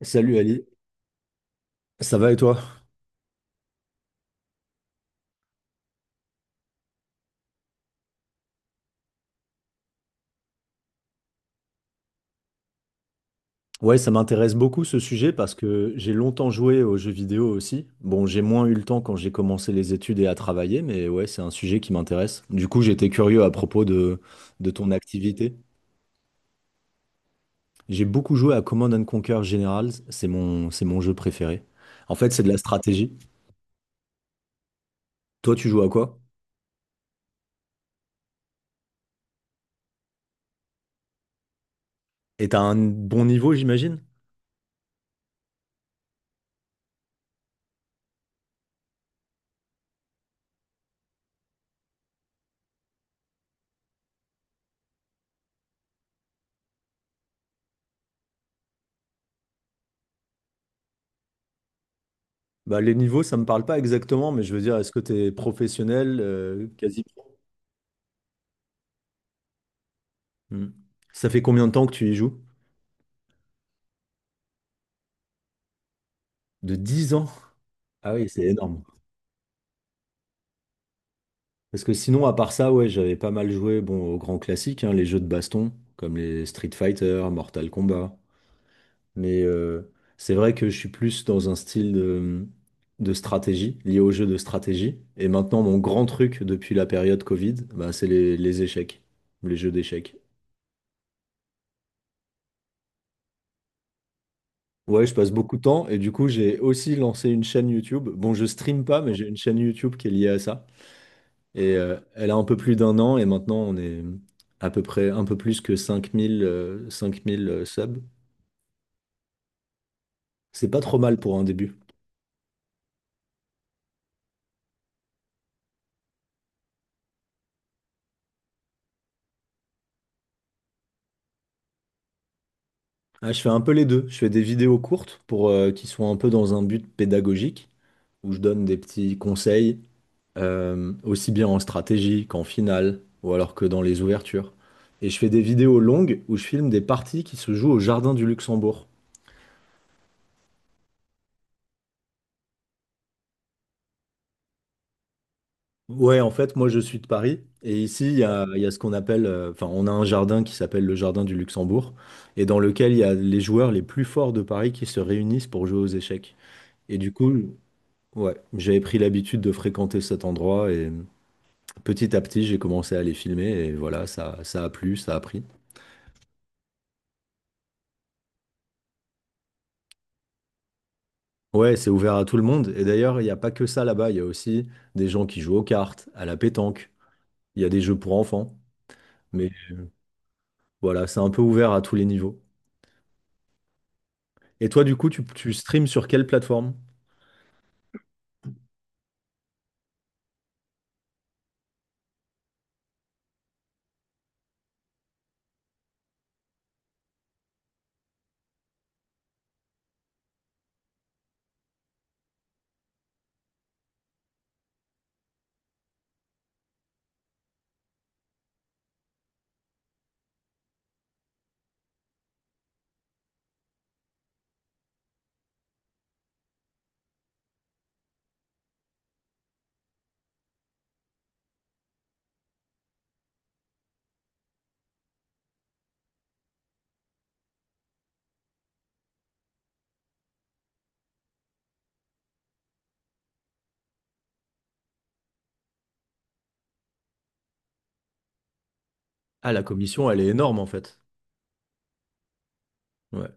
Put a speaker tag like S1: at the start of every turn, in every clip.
S1: Salut Ali, ça va et toi? Ouais, ça m'intéresse beaucoup ce sujet parce que j'ai longtemps joué aux jeux vidéo aussi. Bon, j'ai moins eu le temps quand j'ai commencé les études et à travailler, mais ouais, c'est un sujet qui m'intéresse. Du coup, j'étais curieux à propos de ton activité. J'ai beaucoup joué à Command and Conquer Generals, c'est mon jeu préféré. En fait, c'est de la stratégie. Toi, tu joues à quoi? Et t'as un bon niveau, j'imagine? Bah, les niveaux, ça me parle pas exactement, mais je veux dire, est-ce que t'es professionnel, quasi pro? Hmm. Ça fait combien de temps que tu y joues? De 10 ans? Ah oui, c'est énorme. Parce que sinon, à part ça, ouais, j'avais pas mal joué bon, aux grands classiques, hein, les jeux de baston, comme les Street Fighter, Mortal Kombat. Mais c'est vrai que je suis plus dans un style de stratégie, lié aux jeux de stratégie. Et maintenant, mon grand truc depuis la période Covid, bah, c'est les échecs, les jeux d'échecs. Ouais, je passe beaucoup de temps et du coup, j'ai aussi lancé une chaîne YouTube. Bon, je stream pas, mais j'ai une chaîne YouTube qui est liée à ça. Et elle a un peu plus d'un an et maintenant on est à peu près un peu plus que 5000 subs. C'est pas trop mal pour un début. Ah, je fais un peu les deux. Je fais des vidéos courtes pour qui sont un peu dans un but pédagogique où je donne des petits conseils aussi bien en stratégie qu'en finale ou alors que dans les ouvertures. Et je fais des vidéos longues où je filme des parties qui se jouent au Jardin du Luxembourg. Ouais, en fait, moi je suis de Paris et ici il y a ce qu'on appelle, enfin, on a un jardin qui s'appelle le jardin du Luxembourg et dans lequel il y a les joueurs les plus forts de Paris qui se réunissent pour jouer aux échecs. Et du coup, ouais, j'avais pris l'habitude de fréquenter cet endroit et petit à petit j'ai commencé à les filmer et voilà, ça a plu, ça a pris. Ouais, c'est ouvert à tout le monde et d'ailleurs, il n'y a pas que ça là-bas, il y a aussi des gens qui jouent aux cartes, à la pétanque, il y a des jeux pour enfants, mais voilà, c'est un peu ouvert à tous les niveaux. Et toi, du coup, tu streams sur quelle plateforme? Ah, la commission, elle est énorme en fait. Ouais.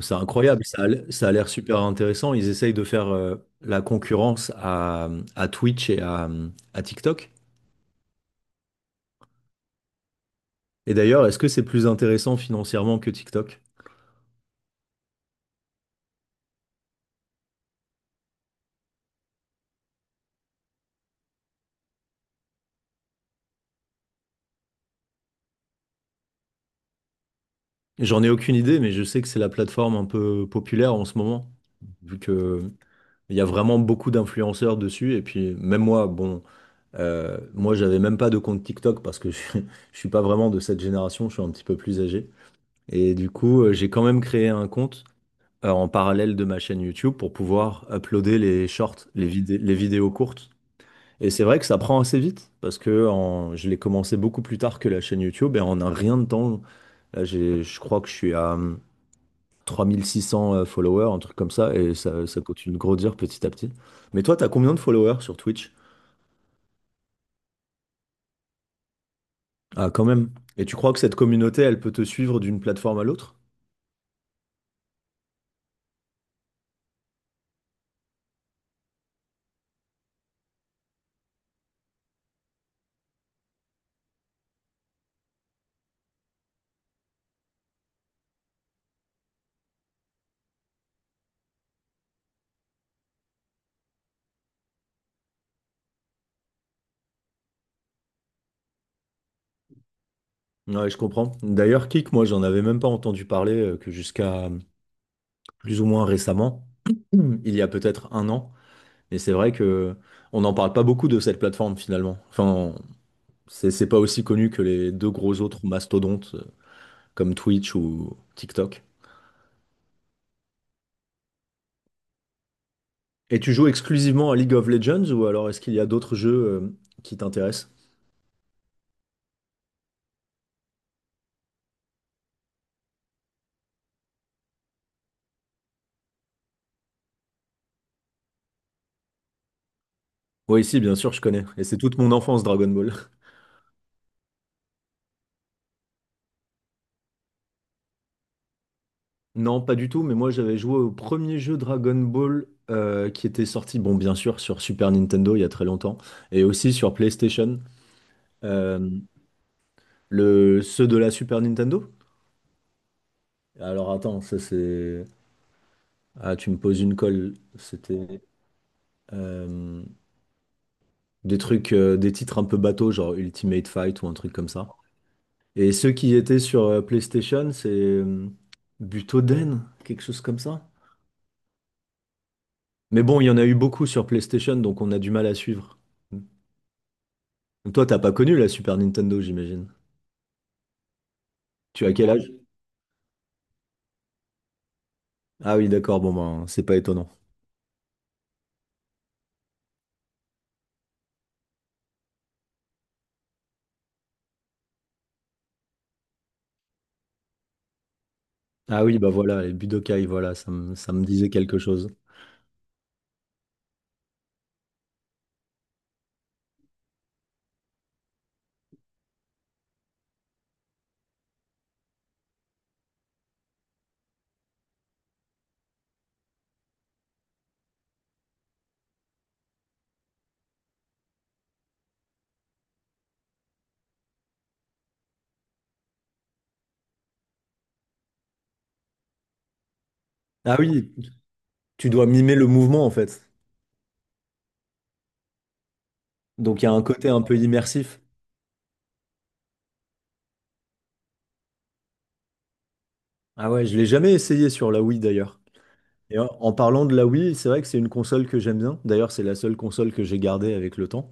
S1: C'est incroyable, ça a l'air super intéressant. Ils essayent de faire la concurrence à Twitch et à TikTok. Et d'ailleurs, est-ce que c'est plus intéressant financièrement que TikTok? J'en ai aucune idée, mais je sais que c'est la plateforme un peu populaire en ce moment, vu que il y a vraiment beaucoup d'influenceurs dessus. Et puis même moi, bon, moi j'avais même pas de compte TikTok parce que je suis pas vraiment de cette génération, je suis un petit peu plus âgé. Et du coup, j'ai quand même créé un compte en parallèle de ma chaîne YouTube pour pouvoir uploader les shorts, les vidéos courtes. Et c'est vrai que ça prend assez vite parce que je l'ai commencé beaucoup plus tard que la chaîne YouTube et en un rien de temps, là, je crois que je suis à 3600 followers, un truc comme ça, et ça, ça continue de grandir petit à petit. Mais toi, t'as combien de followers sur Twitch? Ah, quand même. Et tu crois que cette communauté, elle peut te suivre d'une plateforme à l'autre? Ouais, je comprends. D'ailleurs, Kik, moi, j'en avais même pas entendu parler que jusqu'à plus ou moins récemment, mhm, il y a peut-être un an. Mais c'est vrai que on n'en parle pas beaucoup de cette plateforme finalement. Enfin, c'est pas aussi connu que les deux gros autres mastodontes comme Twitch ou TikTok. Et tu joues exclusivement à League of Legends ou alors est-ce qu'il y a d'autres jeux qui t'intéressent? Oui, si, bien sûr, je connais. Et c'est toute mon enfance, Dragon Ball. Non, pas du tout, mais moi j'avais joué au premier jeu Dragon Ball qui était sorti, bon, bien sûr, sur Super Nintendo il y a très longtemps, et aussi sur PlayStation. Euh, ceux de la Super Nintendo? Alors attends, ça c'est. Ah, tu me poses une colle. C'était euh, des trucs, des titres un peu bateaux, genre Ultimate Fight ou un truc comme ça. Et ceux qui étaient sur PlayStation, c'est Butoden, quelque chose comme ça. Mais bon, il y en a eu beaucoup sur PlayStation, donc on a du mal à suivre. Donc toi, t'as pas connu la Super Nintendo, j'imagine. Tu as quel âge? Ah oui, d'accord, bon ben, c'est pas étonnant. Ah oui, bah voilà, les Budokai, voilà, ça me disait quelque chose. Ah oui, tu dois mimer le mouvement en fait. Donc il y a un côté un peu immersif. Ah ouais, je l'ai jamais essayé sur la Wii d'ailleurs. Et en parlant de la Wii, c'est vrai que c'est une console que j'aime bien. D'ailleurs, c'est la seule console que j'ai gardée avec le temps.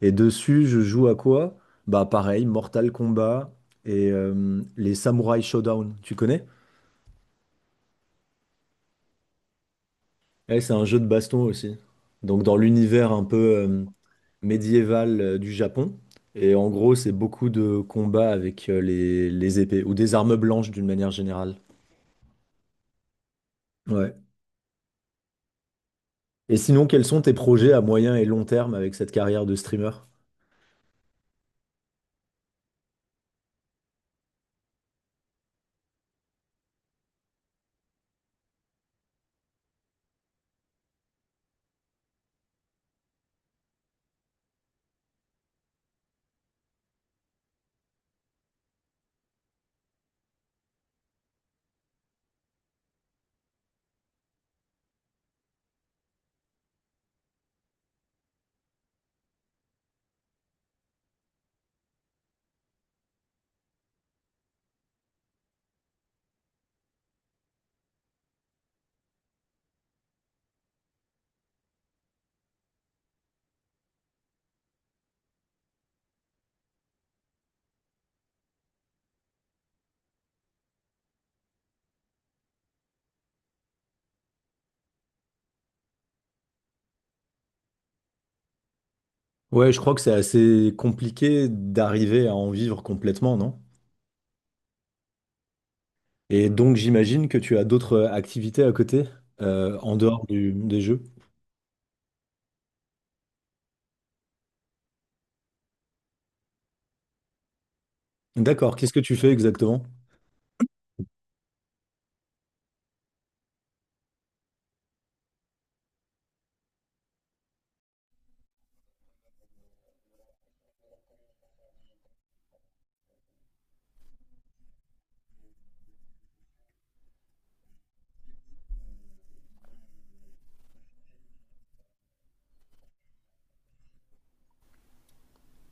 S1: Et dessus, je joue à quoi? Bah pareil, Mortal Kombat et les Samurai Showdown. Tu connais? Ouais, c'est un jeu de baston aussi. Donc dans l'univers un peu médiéval du Japon. Et en gros, c'est beaucoup de combats avec les épées ou des armes blanches d'une manière générale. Ouais. Et sinon, quels sont tes projets à moyen et long terme avec cette carrière de streamer? Ouais, je crois que c'est assez compliqué d'arriver à en vivre complètement, non? Et donc, j'imagine que tu as d'autres activités à côté, en dehors des jeux. D'accord, qu'est-ce que tu fais exactement?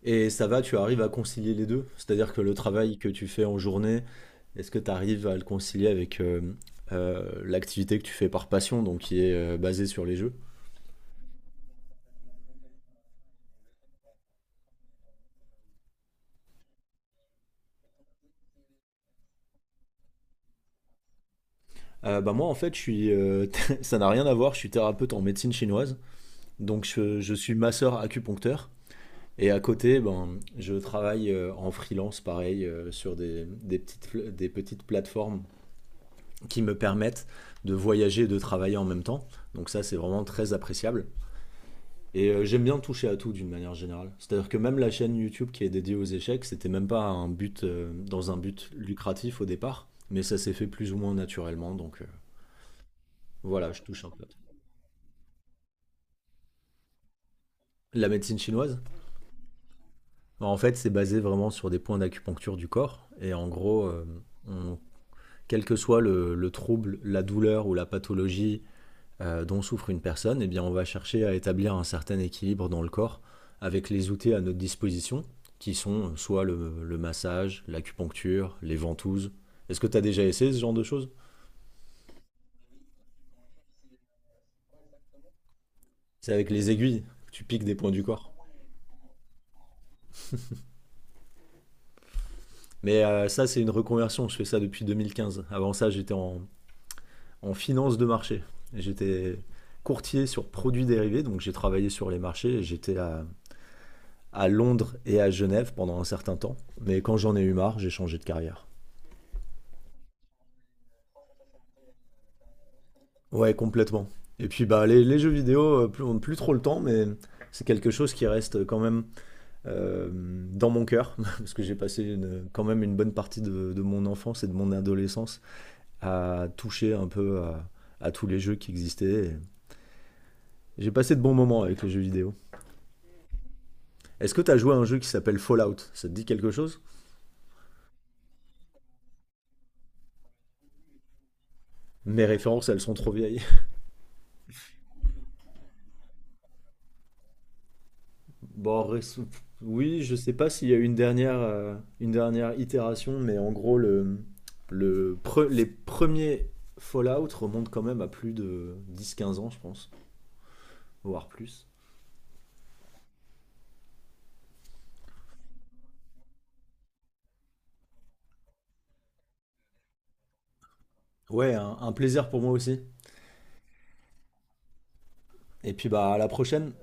S1: Et ça va, tu arrives à concilier les deux? C'est-à-dire que le travail que tu fais en journée, est-ce que tu arrives à le concilier avec l'activité que tu fais par passion, donc qui est basée sur les jeux? Bah moi, en fait, je suis, ça n'a rien à voir, je suis thérapeute en médecine chinoise. Donc je suis masseur acupuncteur. Et à côté, ben, je travaille en freelance, pareil, sur des petites plateformes qui me permettent de voyager et de travailler en même temps. Donc ça, c'est vraiment très appréciable. Et j'aime bien toucher à tout d'une manière générale. C'est-à-dire que même la chaîne YouTube qui est dédiée aux échecs, c'était même pas un but, dans un but lucratif au départ, mais ça s'est fait plus ou moins naturellement. Donc voilà, je touche un peu à tout. La médecine chinoise. Bah, en fait, c'est basé vraiment sur des points d'acupuncture du corps. Et en gros, on- quel que soit le trouble, la douleur ou la pathologie dont souffre une personne, eh bien, on va chercher à établir un certain équilibre dans le corps avec les outils à notre disposition, qui sont soit le massage, l'acupuncture, les ventouses. Est-ce que tu as déjà essayé ce genre de choses? C'est avec les aiguilles, tu piques des points du corps. Mais ça, c'est une reconversion, je fais ça depuis 2015. Avant ça, j'étais en finance de marché. J'étais courtier sur produits dérivés, donc j'ai travaillé sur les marchés. J'étais à Londres et à Genève pendant un certain temps. Mais quand j'en ai eu marre, j'ai changé de carrière. Ouais, complètement. Et puis bah, les jeux vidéo, plus, on n'a plus trop le temps, mais c'est quelque chose qui reste quand même euh, dans mon cœur, parce que j'ai passé quand même une bonne partie de mon enfance et de mon adolescence à toucher un peu à tous les jeux qui existaient. Et j'ai passé de bons moments avec les jeux vidéo. Est-ce que t'as joué à un jeu qui s'appelle Fallout? Ça te dit quelque chose? Mes références, elles sont trop vieilles. Bon, oui, je sais pas s'il y a eu une dernière itération, mais en gros, les premiers Fallout remontent quand même à plus de 10, 15 ans, je pense, voire plus. Ouais, un plaisir pour moi aussi. Et puis bah à la prochaine.